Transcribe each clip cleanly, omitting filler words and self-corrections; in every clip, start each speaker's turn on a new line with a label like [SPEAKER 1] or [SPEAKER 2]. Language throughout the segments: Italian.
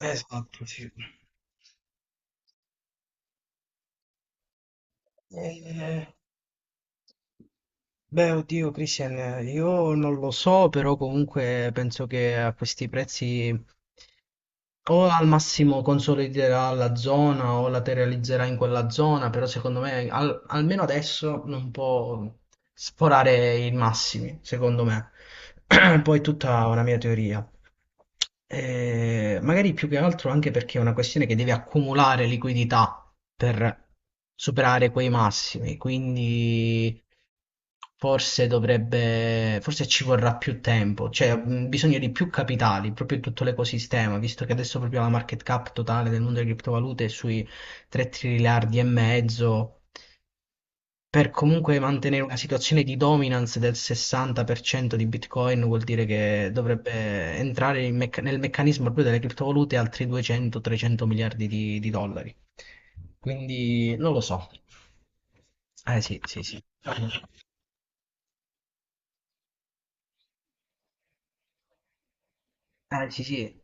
[SPEAKER 1] Esatto, sì. Eh, beh, oddio, Christian, io non lo so, però comunque penso che a questi prezzi o al massimo consoliderà la zona o la realizzerà in quella zona, però secondo me almeno adesso non può sforare i massimi, secondo me. Poi tutta una mia teoria. Magari più che altro anche perché è una questione che deve accumulare liquidità per superare quei massimi, quindi forse dovrebbe, forse ci vorrà più tempo, cioè bisogno di più capitali, proprio in tutto l'ecosistema, visto che adesso proprio la market cap totale del mondo delle criptovalute è sui 3 triliardi e mezzo per comunque mantenere una situazione di dominance del 60% di Bitcoin, vuol dire che dovrebbe entrare in nel meccanismo proprio delle criptovalute altri 200-300 miliardi di dollari. Quindi non lo so. Eh sì, sì, sì. Eh sì, sì.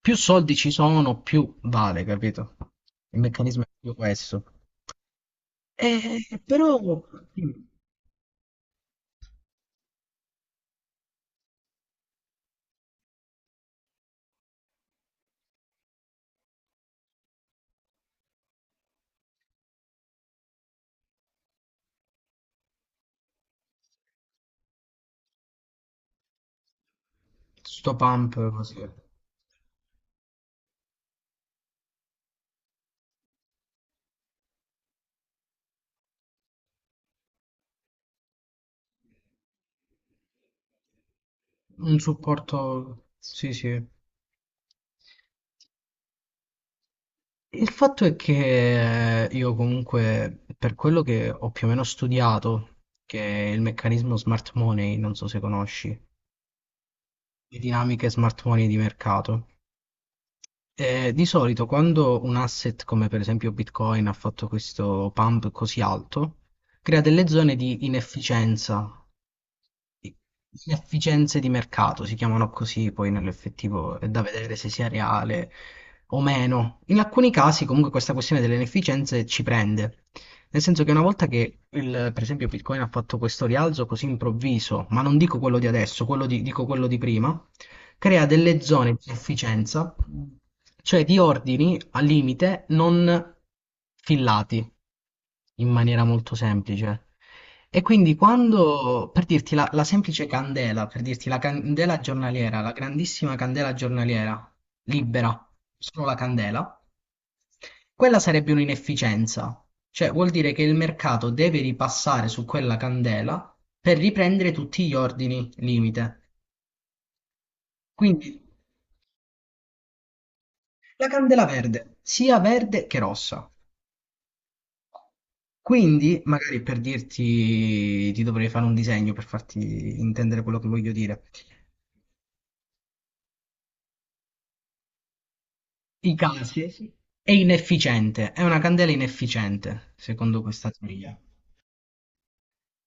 [SPEAKER 1] Più soldi ci sono, più vale, capito? Il meccanismo è più questo. Però mm, sto pump così. Un supporto, sì, sì. Il fatto è che io comunque, per quello che ho più o meno studiato, che è il meccanismo smart money, non so se conosci, le dinamiche smart money di mercato, di solito quando un asset come per esempio Bitcoin ha fatto questo pump così alto, crea delle zone di inefficienza, i- inefficienze di mercato, si chiamano così, poi nell'effettivo è da vedere se sia reale o meno. In alcuni casi comunque questa questione delle inefficienze ci prende. Nel senso che una volta che per esempio Bitcoin ha fatto questo rialzo così improvviso, ma non dico quello di adesso, quello dico quello di prima, crea delle zone di sufficienza, cioè di ordini al limite non fillati in maniera molto semplice. E quindi quando, per dirti la semplice candela, per dirti la candela giornaliera, la grandissima candela giornaliera, libera, solo la candela, quella sarebbe un'inefficienza, cioè vuol dire che il mercato deve ripassare su quella candela per riprendere tutti gli ordini limite. Quindi la candela verde, sia verde che rossa. Quindi, magari per dirti, ti dovrei fare un disegno per farti intendere quello che voglio dire. I casi è inefficiente, è una candela inefficiente, secondo questa teoria.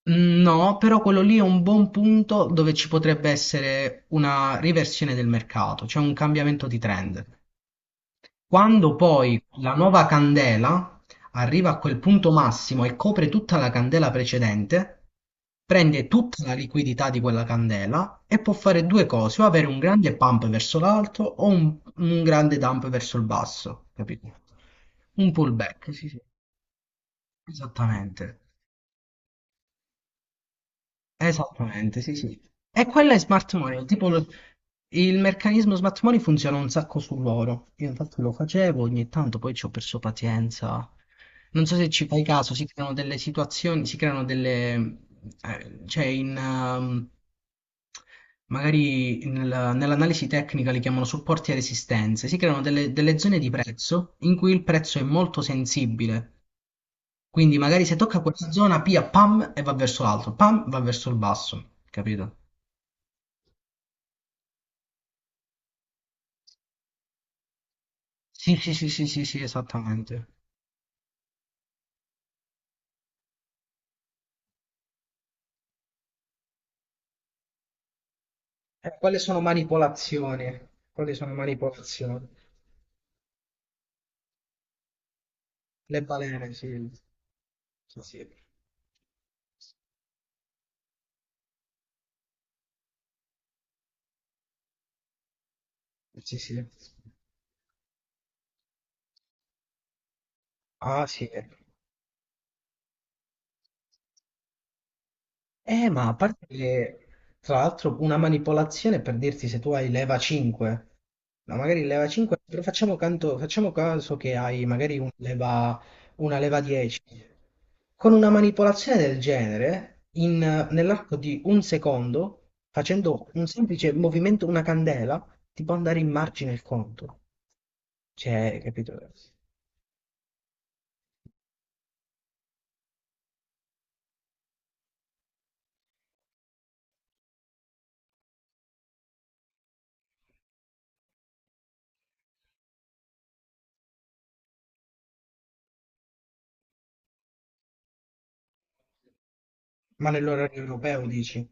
[SPEAKER 1] Mm, no, però quello lì è un buon punto dove ci potrebbe essere una riversione del mercato, cioè un cambiamento di trend. Quando poi la nuova candela arriva a quel punto massimo e copre tutta la candela precedente, prende tutta la liquidità di quella candela e può fare due cose, o avere un grande pump verso l'alto o un grande dump verso il basso, capito? Un pullback, sì, sì, esattamente. Esattamente, sì, sì. E quella è smart money, tipo il meccanismo smart money funziona un sacco su loro. Io infatti lo facevo ogni tanto, poi ci ho perso pazienza. Non so se ci fai caso, si creano delle situazioni, si creano delle, cioè magari nell'analisi tecnica li chiamano supporti e resistenze, si creano delle zone di prezzo in cui il prezzo è molto sensibile, quindi magari se tocca quella zona, pam, e va verso l'alto, pam, va verso il basso, capito? Sì, sì, sì, sì, sì, sì, esattamente. Quelle sono manipolazioni, quelle sono manipolazioni. Le balene, sì, sì, sì, sì, sì. Ah, sì. Ma a parte che, tra l'altro, una manipolazione per dirti se tu hai leva 5, ma magari leva 5, però facciamo, facciamo caso che hai magari una leva 10. Con una manipolazione del genere, nell'arco di un secondo, facendo un semplice movimento, una candela, ti può andare in margine il conto. Cioè, capito? Ma nell'orario europeo dici?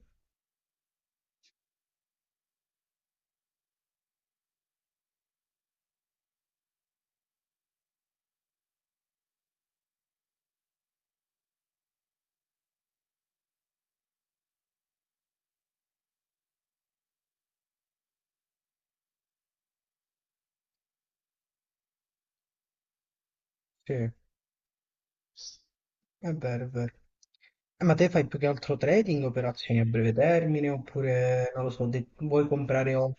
[SPEAKER 1] Sì. È vero, è vero. Ma te fai più che altro trading, operazioni a breve termine, oppure, non lo so, vuoi comprare oro?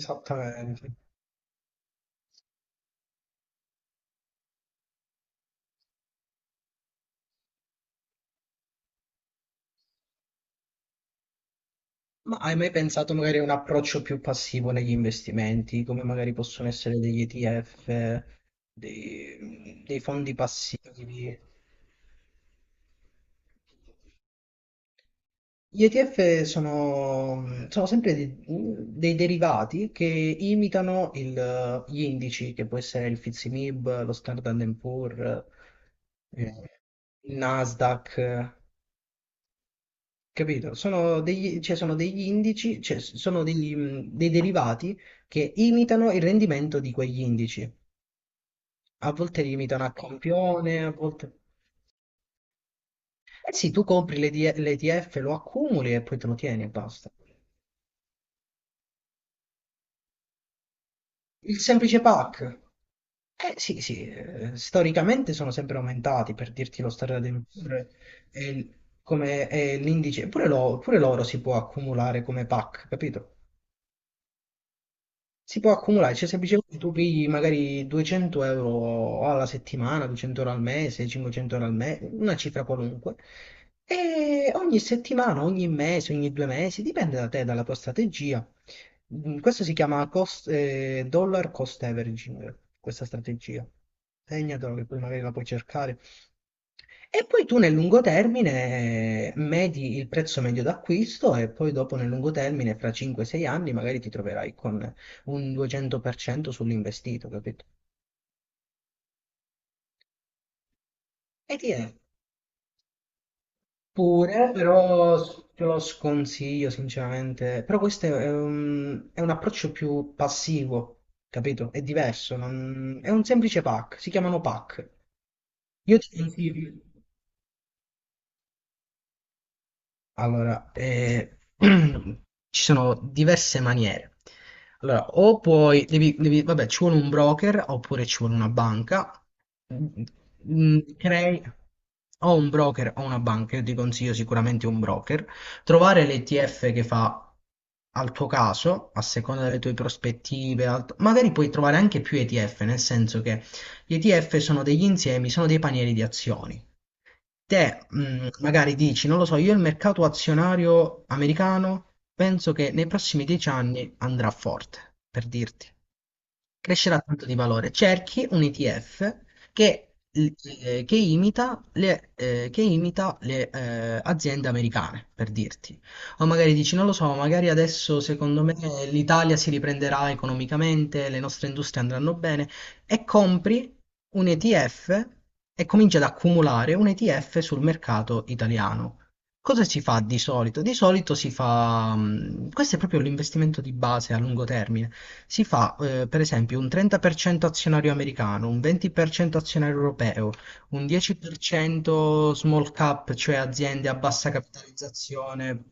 [SPEAKER 1] Esattamente. Ma hai mai pensato magari a un approccio più passivo negli investimenti, come magari possono essere degli ETF, dei fondi passivi? Gli ETF sono sempre dei derivati che imitano gli indici, che può essere il FTSE/MIB, lo Standard and Poor's, eh, il Nasdaq, capito? Sono degli, cioè, sono degli indici, cioè, sono degli, dei derivati che imitano il rendimento di quegli indici. A volte li imitano a campione, a volte... Eh sì, tu compri l'ETF, lo accumuli e poi te lo tieni e basta. Il semplice pack. Eh sì, sì, storicamente sono sempre aumentati, per dirti lo standard del valore e come è l'indice, pure, pure l'oro si può accumulare come PAC, capito? Si può accumulare, cioè semplicemente tu pigli magari 200 euro alla settimana, 200 euro al mese, 500 euro al mese, una cifra qualunque, e ogni settimana, ogni mese, ogni 2 mesi, dipende da te, dalla tua strategia. Questo si chiama dollar cost averaging, questa strategia. Segnatelo che poi magari la puoi cercare. E poi tu nel lungo termine medi il prezzo medio d'acquisto e poi dopo nel lungo termine, fra 5-6 anni, magari ti troverai con un 200% sull'investito, capito? E ti è. Pure, però te lo sconsiglio sinceramente. Però questo è un approccio più passivo, capito? È diverso, è un semplice pack, si chiamano pack. Io ti consiglio. Allora, ci sono diverse maniere. Allora, o puoi, vabbè, ci vuole un broker oppure ci vuole una banca. Crei o un broker o una banca, io ti consiglio sicuramente un broker. Trovare l'ETF che fa al tuo caso, a seconda delle tue prospettive, magari puoi trovare anche più ETF, nel senso che gli ETF sono degli insiemi, sono dei panieri di azioni, te magari dici, non lo so, io il mercato azionario americano penso che nei prossimi 10 anni andrà forte, per dirti crescerà tanto di valore. Cerchi un ETF che imita le aziende americane, per dirti. O magari dici, non lo so, magari adesso secondo me l'Italia si riprenderà economicamente, le nostre industrie andranno bene, e compri un ETF e cominci ad accumulare un ETF sul mercato italiano. Cosa si fa di solito? Di solito si fa, questo è proprio l'investimento di base a lungo termine, si fa per esempio un 30% azionario americano, un 20% azionario europeo, un 10% small cap, cioè aziende a bassa capitalizzazione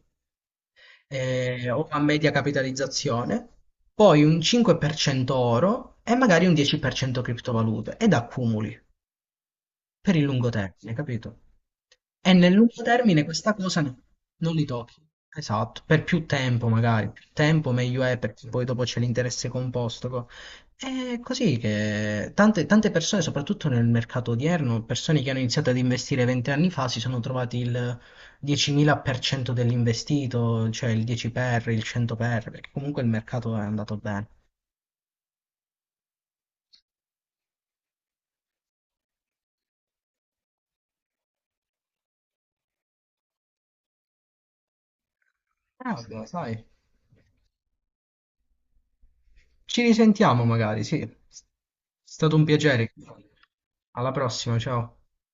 [SPEAKER 1] o a media capitalizzazione, poi un 5% oro e magari un 10% criptovalute ed accumuli per il lungo termine, capito? E nel lungo termine questa cosa no, non li tocchi. Esatto, per più tempo magari, più tempo meglio è perché poi dopo c'è l'interesse composto. È così che tante, tante persone, soprattutto nel mercato odierno, persone che hanno iniziato ad investire 20 anni fa si sono trovati il 10.000% dell'investito, cioè il 10 per, il 100 per, perché comunque il mercato è andato bene. Ah, vabbè, sai, ci risentiamo magari, sì. È stato un piacere. Alla prossima, ciao.